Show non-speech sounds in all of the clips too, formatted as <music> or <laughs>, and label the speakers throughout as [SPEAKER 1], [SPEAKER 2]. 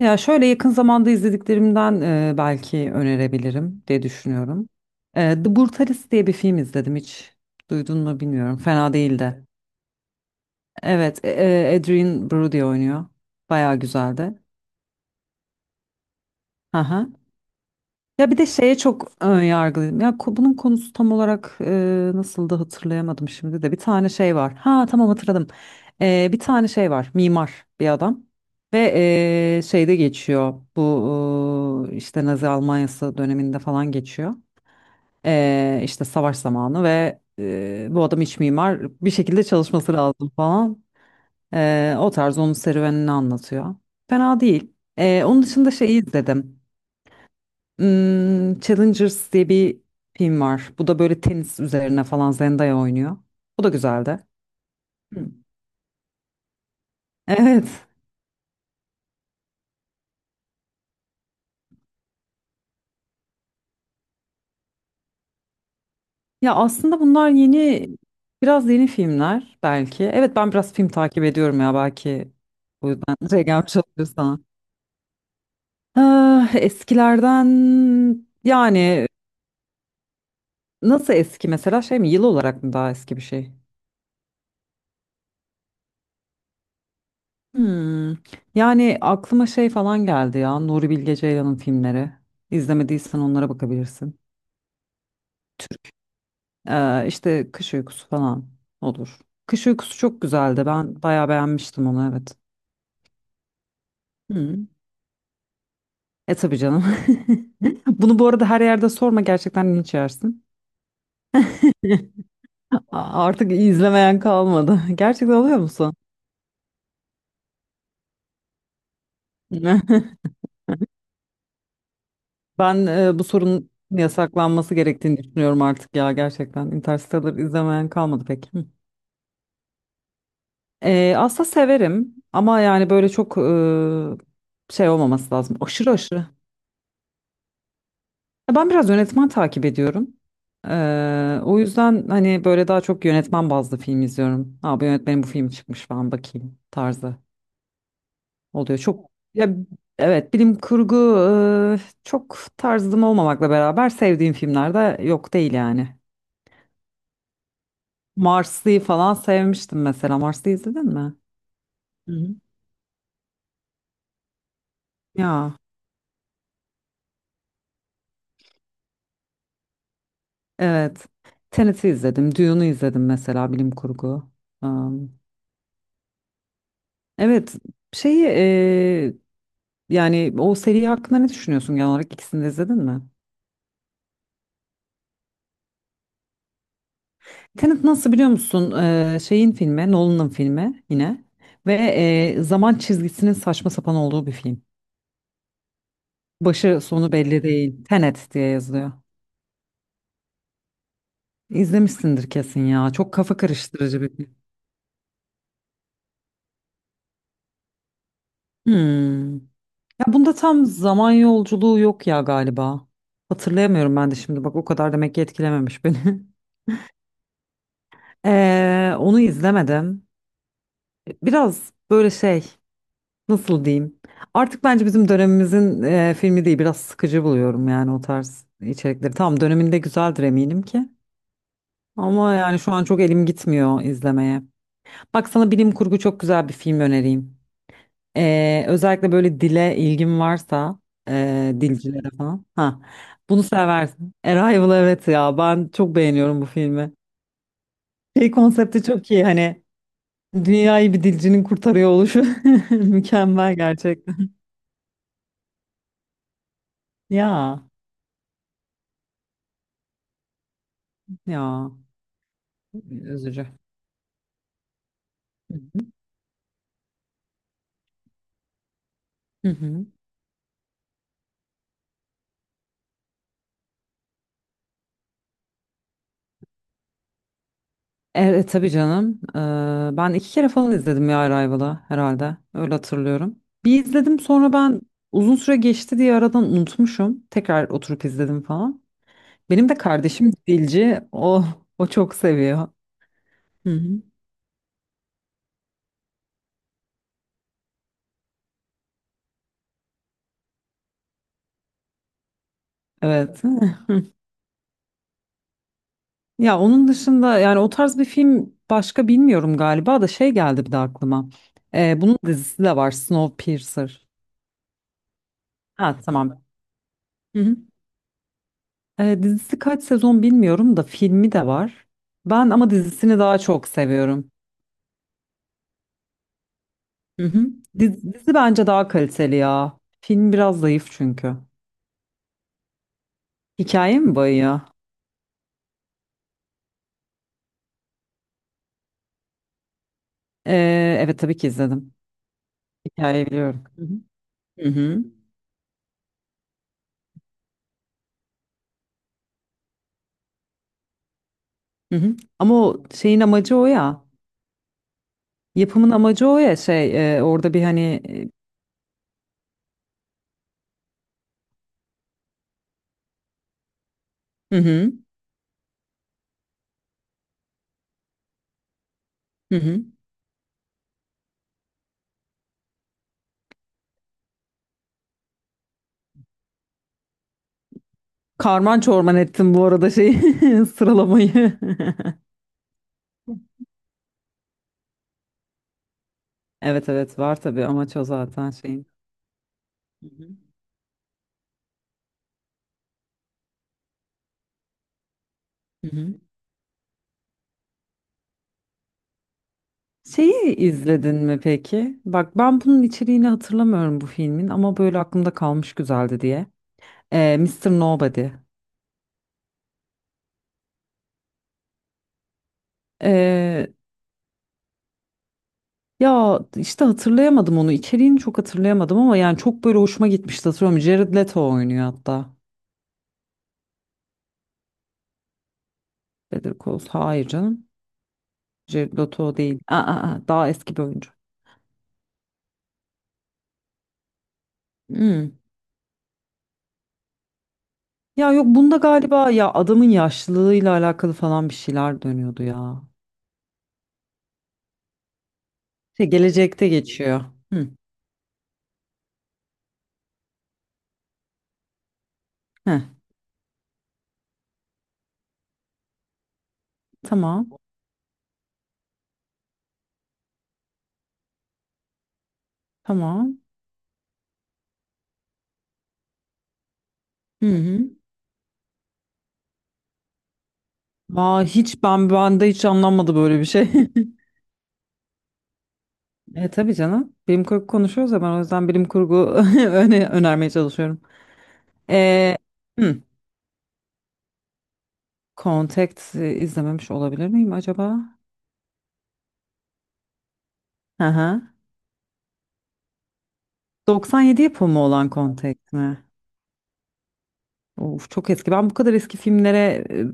[SPEAKER 1] Ya şöyle yakın zamanda izlediklerimden belki önerebilirim diye düşünüyorum. The Brutalist diye bir film izledim, hiç duydun mu bilmiyorum. Fena değildi. Evet, Adrien Brody oynuyor. Bayağı güzeldi. Hı hı. Ya bir de şeye çok ön yargılıyım. Ya bunun konusu tam olarak nasıl da hatırlayamadım şimdi de. Bir tane şey var. Ha tamam, hatırladım. Bir tane şey var. Mimar bir adam. Ve şeyde geçiyor. Bu işte Nazi Almanyası döneminde falan geçiyor. İşte savaş zamanı ve bu adam iç mimar. Bir şekilde çalışması lazım falan. O tarz, onun serüvenini anlatıyor. Fena değil. Onun dışında şeyi izledim. Hmm, Challengers diye bir film var. Bu da böyle tenis üzerine falan, Zendaya oynuyor. Bu da güzeldi. Hı. Evet. Ya aslında bunlar yeni, biraz yeni filmler belki. Evet, ben biraz film takip ediyorum ya belki. O yüzden <laughs> şey gelmiş olabilir sana. Ah, eskilerden yani nasıl eski mesela, şey mi, yıl olarak mı daha eski bir şey? Hmm. Yani aklıma şey falan geldi ya, Nuri Bilge Ceylan'ın filmleri. İzlemediysen onlara bakabilirsin. İşte kış uykusu falan olur. Kış uykusu çok güzeldi. Ben bayağı beğenmiştim onu, evet. Hı. E tabii canım. <laughs> Bunu bu arada her yerde sorma, gerçekten linç yersin. <laughs> Artık izlemeyen kalmadı. <laughs> Gerçekten oluyor musun? <laughs> Ben, bu sorunun yasaklanması gerektiğini düşünüyorum artık ya, gerçekten. Interstellar izlemeyen kalmadı pek. Hı. Aslında severim ama yani böyle çok şey olmaması lazım. Aşırı aşırı. Ya ben biraz yönetmen takip ediyorum. O yüzden hani böyle daha çok yönetmen bazlı film izliyorum. Ha, bu yönetmenin bu filmi çıkmış, ben bakayım tarzı oluyor. Çok ya, evet, bilim kurgu çok tarzım olmamakla beraber sevdiğim filmler de yok değil yani. Marslı'yı falan sevmiştim mesela. Marslı izledin mi? Hı hı. Ya evet. Tenet'i izledim. Dune'u izledim mesela, bilim kurgu. Am, evet, şeyi. Yani o seri hakkında ne düşünüyorsun genel olarak? İkisini de izledin mi? Tenet nasıl biliyor musun? Şeyin filmi, Nolan'ın filmi yine. Ve zaman çizgisinin saçma sapan olduğu bir film. Başı sonu belli değil. Tenet diye yazılıyor. İzlemişsindir kesin ya. Çok kafa karıştırıcı bir film. Hmm. Ya bunda tam zaman yolculuğu yok ya galiba. Hatırlayamıyorum ben de şimdi. Bak, o kadar demek ki etkilememiş beni. <laughs> Onu izlemedim. Biraz böyle şey. Nasıl diyeyim? Artık bence bizim dönemimizin filmi değil, biraz sıkıcı buluyorum yani o tarz içerikleri. Tamam, döneminde güzeldir eminim ki. Ama yani şu an çok elim gitmiyor izlemeye. Bak sana bilim kurgu çok güzel bir film önereyim. Özellikle böyle dile ilgin varsa dilcilere falan. Ha, bunu seversin. Arrival, evet ya, ben çok beğeniyorum bu filmi. Şey, konsepti çok iyi hani, dünyayı bir dilcinin kurtarıyor oluşu <laughs> mükemmel gerçekten. Ya ya. Üzücü. Hı hı. Evet tabii canım. Ben iki kere falan izledim ya Arrival'ı herhalde. Öyle hatırlıyorum. Bir izledim, sonra ben uzun süre geçti diye aradan unutmuşum. Tekrar oturup izledim falan. Benim de kardeşim dilci. O çok seviyor. Hı hı. Evet. <laughs> Ya onun dışında yani o tarz bir film başka bilmiyorum galiba, da şey geldi bir de aklıma. Bunun dizisi de var, Snowpiercer. Ha tamam. Hı hı. Dizisi kaç sezon bilmiyorum da, filmi de var. Ben ama dizisini daha çok seviyorum. Hı hı. Dizi bence daha kaliteli ya. Film biraz zayıf çünkü. Hikaye mi bayıyor? Evet tabii ki izledim. Hikayeyi biliyorum. Hı hı. Hı hı. Hı hı. Ama o şeyin amacı o ya. Yapımın amacı o ya, şey orada bir hani hı hı. Hı hı. Karman çorman ettim bu arada şeyi <laughs> sıralamayı. <laughs> Evet evet, var tabii, amaç o zaten şeyin. Hı hı. Hı hı. Şeyi izledin mi peki? Bak ben bunun içeriğini hatırlamıyorum, bu filmin, ama böyle aklımda kalmış güzeldi diye. Mr. Nobody. Ee, ya işte hatırlayamadım onu. İçeriğini çok hatırlayamadım ama yani çok böyle hoşuma gitmişti, hatırlıyorum. Jared Leto oynuyor hatta. Better Call Saul. Hayır canım. Jared Leto değil. Aa, aa, daha eski bir oyuncu. Hmm. Ya yok, bunda galiba ya adamın yaşlılığıyla alakalı falan bir şeyler dönüyordu ya. Şey, gelecekte geçiyor. Hı. Heh, tamam. Tamam. Hı hı. Aa, hiç, ben bende hiç anlanmadı böyle bir şey. <laughs> E tabii canım. Bilim kurgu konuşuyoruz ya, ben o yüzden bilim kurgu <laughs> önermeye çalışıyorum. E, hı. Contact, izlememiş olabilir miyim acaba? Hı hı. 97 yapımı olan Contact mi? Of, çok eski. Ben bu kadar eski filmlere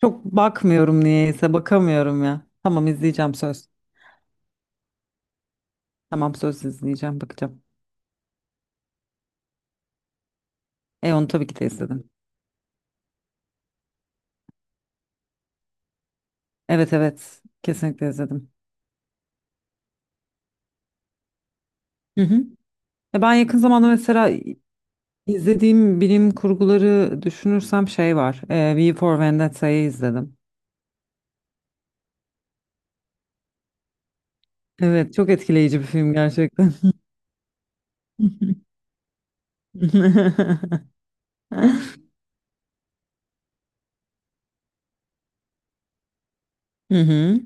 [SPEAKER 1] çok bakmıyorum niyeyse, bakamıyorum ya. Tamam, izleyeceğim, söz. Tamam söz, izleyeceğim, bakacağım. E onu tabii ki de izledim. Evet evet, kesinlikle izledim. Hı hı. Ya ben yakın zamanda mesela izlediğim bilim kurguları düşünürsem şey var. V for Vendetta'yı izledim. Evet, çok etkileyici bir film gerçekten. <laughs> Hı hı.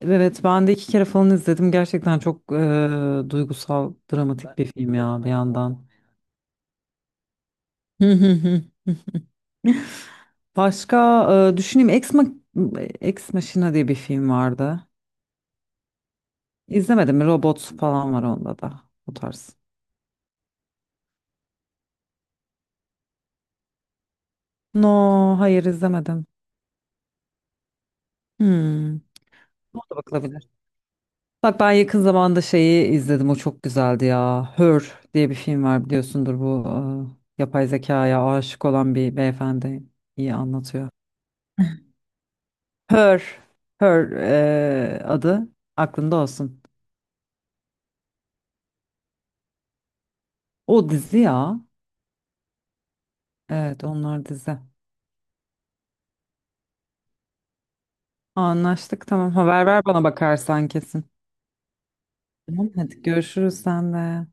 [SPEAKER 1] Evet, ben de iki kere falan izledim. Gerçekten çok duygusal, dramatik bir film ya bir yandan. Hı hı hı. Başka düşüneyim. Ex Machina diye bir film vardı. İzlemedim mi? Robot falan var onda da. Bu tarz. No, hayır izlemedim. Hmm. Ona da bakılabilir. Bak ben yakın zamanda şeyi izledim. O çok güzeldi ya. Her diye bir film var, biliyorsundur bu yapay zekaya aşık olan bir beyefendi, iyi anlatıyor. Her, Her adı aklında olsun. O dizi ya. Evet, onlar dizi. Anlaştık, tamam. Haber ver bana bakarsan kesin. Tamam hadi görüşürüz sen de.